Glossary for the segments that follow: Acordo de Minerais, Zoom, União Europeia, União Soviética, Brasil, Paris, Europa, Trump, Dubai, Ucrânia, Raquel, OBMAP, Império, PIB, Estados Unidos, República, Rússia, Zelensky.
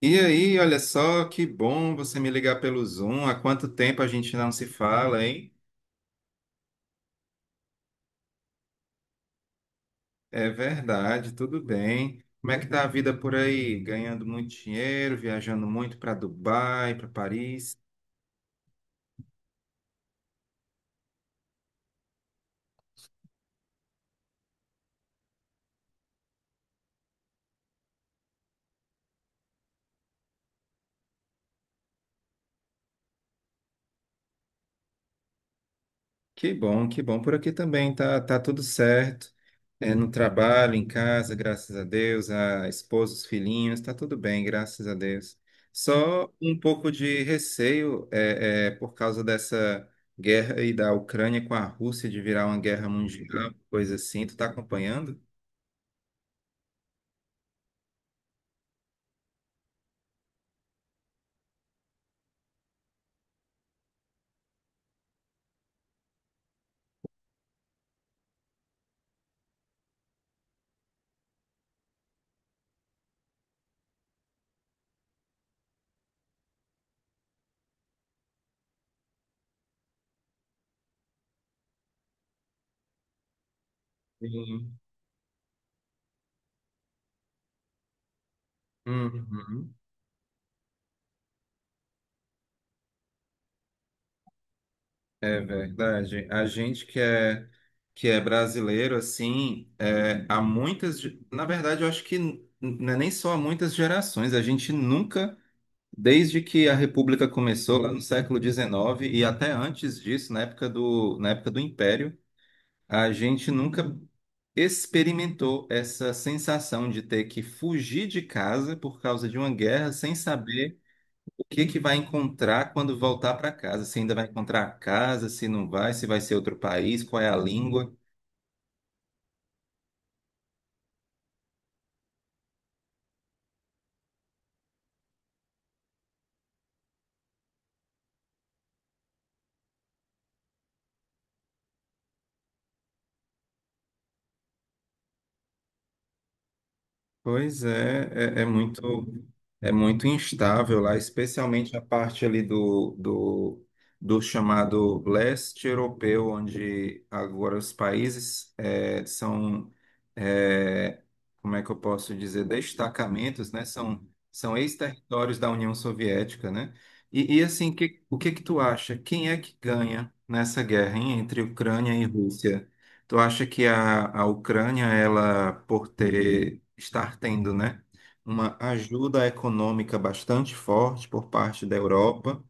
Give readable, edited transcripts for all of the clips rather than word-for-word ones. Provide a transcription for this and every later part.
E aí, olha só, que bom você me ligar pelo Zoom. Há quanto tempo a gente não se fala, hein? É verdade, tudo bem. Como é que tá a vida por aí? Ganhando muito dinheiro, viajando muito para Dubai, para Paris. Que bom, que bom. Por aqui também tá tudo certo. É, no trabalho, em casa, graças a Deus, a esposa, os filhinhos, está tudo bem, graças a Deus. Só um pouco de receio por causa dessa guerra aí da Ucrânia com a Rússia de virar uma guerra mundial, coisa assim. Tu está acompanhando? Sim. Uhum. É verdade. A gente que é, brasileiro, assim, Na verdade, eu acho que não é nem só há muitas gerações, a gente nunca. Desde que a República começou lá no século XIX e até antes disso, na época do Império, a gente nunca experimentou essa sensação de ter que fugir de casa por causa de uma guerra sem saber o que que vai encontrar quando voltar para casa, se ainda vai encontrar a casa, se não vai, se vai ser outro país, qual é a língua. Pois é, muito é muito instável lá, especialmente a parte ali do chamado leste europeu, onde agora os países são, eh, como é que eu posso dizer, destacamentos, né? São ex-territórios da União Soviética, né? E assim, o que que tu acha? Quem é que ganha nessa guerra, hein, entre Ucrânia e Rússia? Tu acha que a Ucrânia, ela, estar tendo, né, uma ajuda econômica bastante forte por parte da Europa,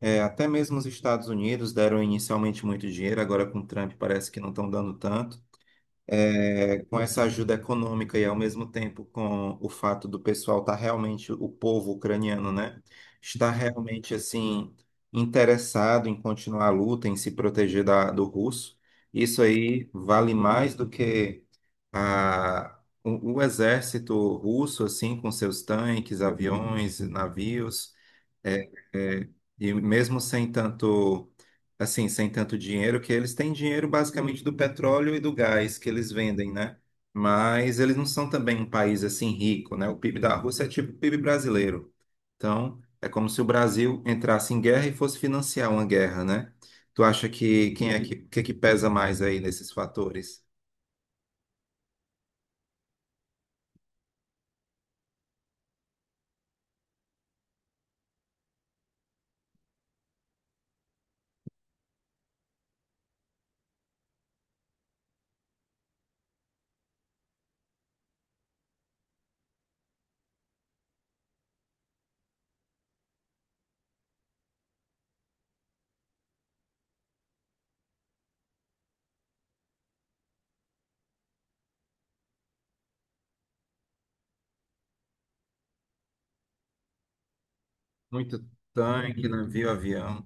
até mesmo os Estados Unidos deram inicialmente muito dinheiro, agora com Trump parece que não estão dando tanto. Com essa ajuda econômica e ao mesmo tempo com o fato do pessoal estar realmente, o povo ucraniano, né, está realmente assim interessado em continuar a luta, em se proteger do russo. Isso aí vale mais do que a, o exército russo, assim, com seus tanques, aviões, navios. É, é, e mesmo sem tanto, assim, sem tanto dinheiro, que eles têm dinheiro basicamente do petróleo e do gás que eles vendem, né? Mas eles não são também um país assim rico, né? O PIB da Rússia é tipo o PIB brasileiro. Então, é como se o Brasil entrasse em guerra e fosse financiar uma guerra, né? Tu acha que quem é que pesa mais aí nesses fatores? Muito tanque, navio, avião.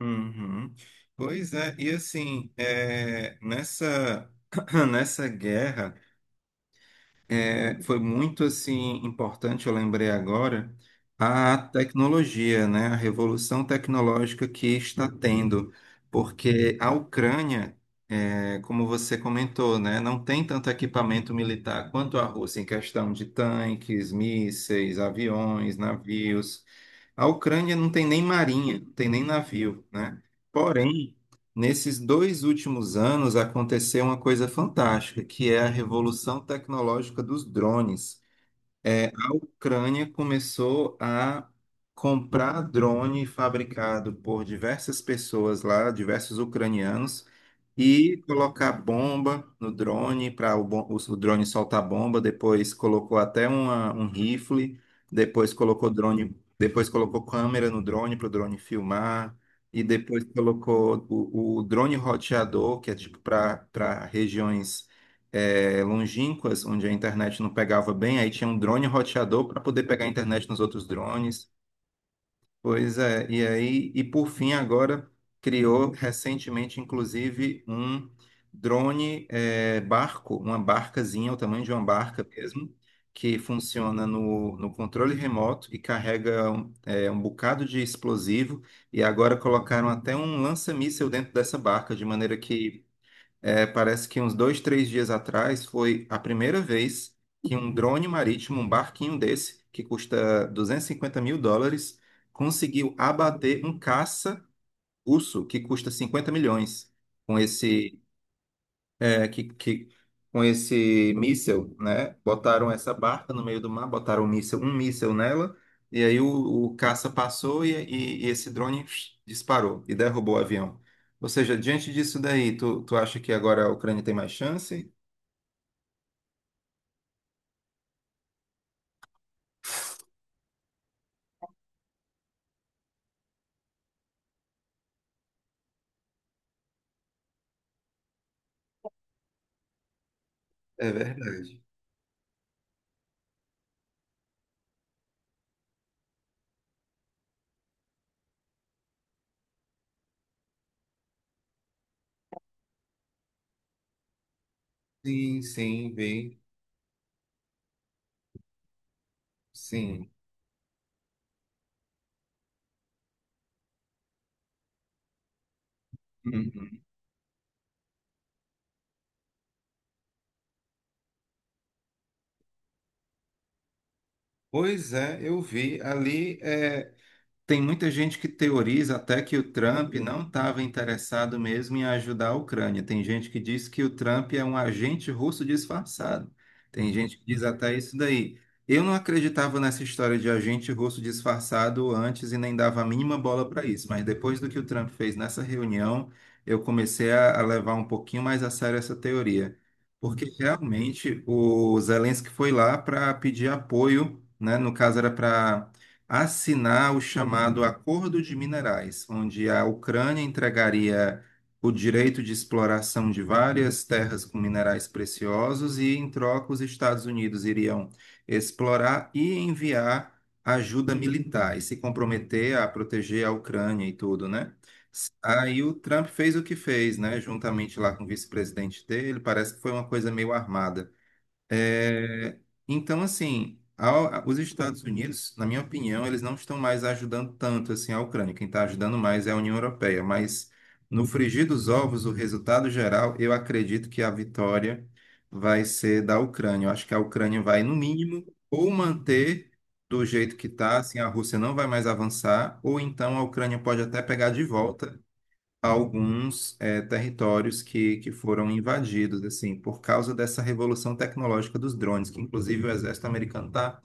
Uhum. Pois é, e assim, nessa, nessa guerra, foi muito assim importante, eu lembrei agora, a tecnologia, né, a revolução tecnológica que está tendo, porque a Ucrânia, como você comentou, né, não tem tanto equipamento militar quanto a Rússia em questão de tanques, mísseis, aviões, navios. A Ucrânia não tem nem marinha, não tem nem navio, né? Porém, nesses 2 últimos anos aconteceu uma coisa fantástica, que é a revolução tecnológica dos drones. A Ucrânia começou a comprar drone fabricado por diversas pessoas lá, diversos ucranianos, e colocar bomba no drone para o drone soltar bomba. Depois colocou até um rifle, depois colocou drone, depois colocou câmera no drone para o drone filmar. E depois colocou o drone roteador, que é tipo para regiões longínquas, onde a internet não pegava bem, aí tinha um drone roteador para poder pegar a internet nos outros drones. Pois é, e aí, e por fim, agora criou recentemente, inclusive, um drone, barco, uma barcazinha, o tamanho de uma barca mesmo, que funciona no controle remoto e carrega um bocado de explosivo. E agora colocaram até um lança-míssil dentro dessa barca, de maneira que, parece que uns 2, 3 dias atrás foi a primeira vez que um drone marítimo, um barquinho desse, que custa 250 mil dólares, conseguiu abater um caça russo que custa 50 milhões. Com esse né, que, que com esse míssel, né, botaram essa barca no meio do mar, botaram um míssel nela, e aí o caça passou e esse drone disparou e derrubou o avião. Ou seja, diante disso daí, tu acha que agora a Ucrânia tem mais chance? É verdade. Sim, sim, vi, sim. Uhum. Pois é, eu vi ali. Tem muita gente que teoriza até que o Trump não estava interessado mesmo em ajudar a Ucrânia. Tem gente que diz que o Trump é um agente russo disfarçado. Tem gente que diz até isso daí. Eu não acreditava nessa história de agente russo disfarçado antes e nem dava a mínima bola para isso, mas depois do que o Trump fez nessa reunião, eu comecei a levar um pouquinho mais a sério essa teoria. Porque realmente o Zelensky foi lá para pedir apoio, né? No caso era para assinar o chamado Acordo de Minerais, onde a Ucrânia entregaria o direito de exploração de várias terras com minerais preciosos e, em troca, os Estados Unidos iriam explorar e enviar ajuda militar e se comprometer a proteger a Ucrânia e tudo, né? Aí o Trump fez o que fez, né? Juntamente lá com o vice-presidente dele, parece que foi uma coisa meio armada. É, então, assim, os Estados Unidos, na minha opinião, eles não estão mais ajudando tanto assim a Ucrânia. Quem está ajudando mais é a União Europeia. Mas no frigir dos ovos, o resultado geral, eu acredito que a vitória vai ser da Ucrânia. Eu acho que a Ucrânia vai, no mínimo, ou manter do jeito que está, assim, a Rússia não vai mais avançar, ou então a Ucrânia pode até pegar de volta alguns territórios que foram invadidos, assim, por causa dessa revolução tecnológica dos drones, que inclusive o exército americano está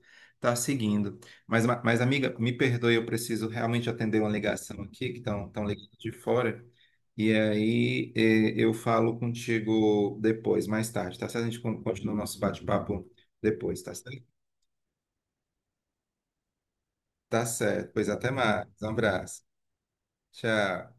tá seguindo. Mas, mas, amiga, me perdoe, eu preciso realmente atender uma ligação aqui, que estão tão ligando de fora, e aí eu falo contigo depois, mais tarde, tá certo? A gente continua o nosso bate-papo depois, tá certo? Tá certo, pois até mais, um abraço, tchau.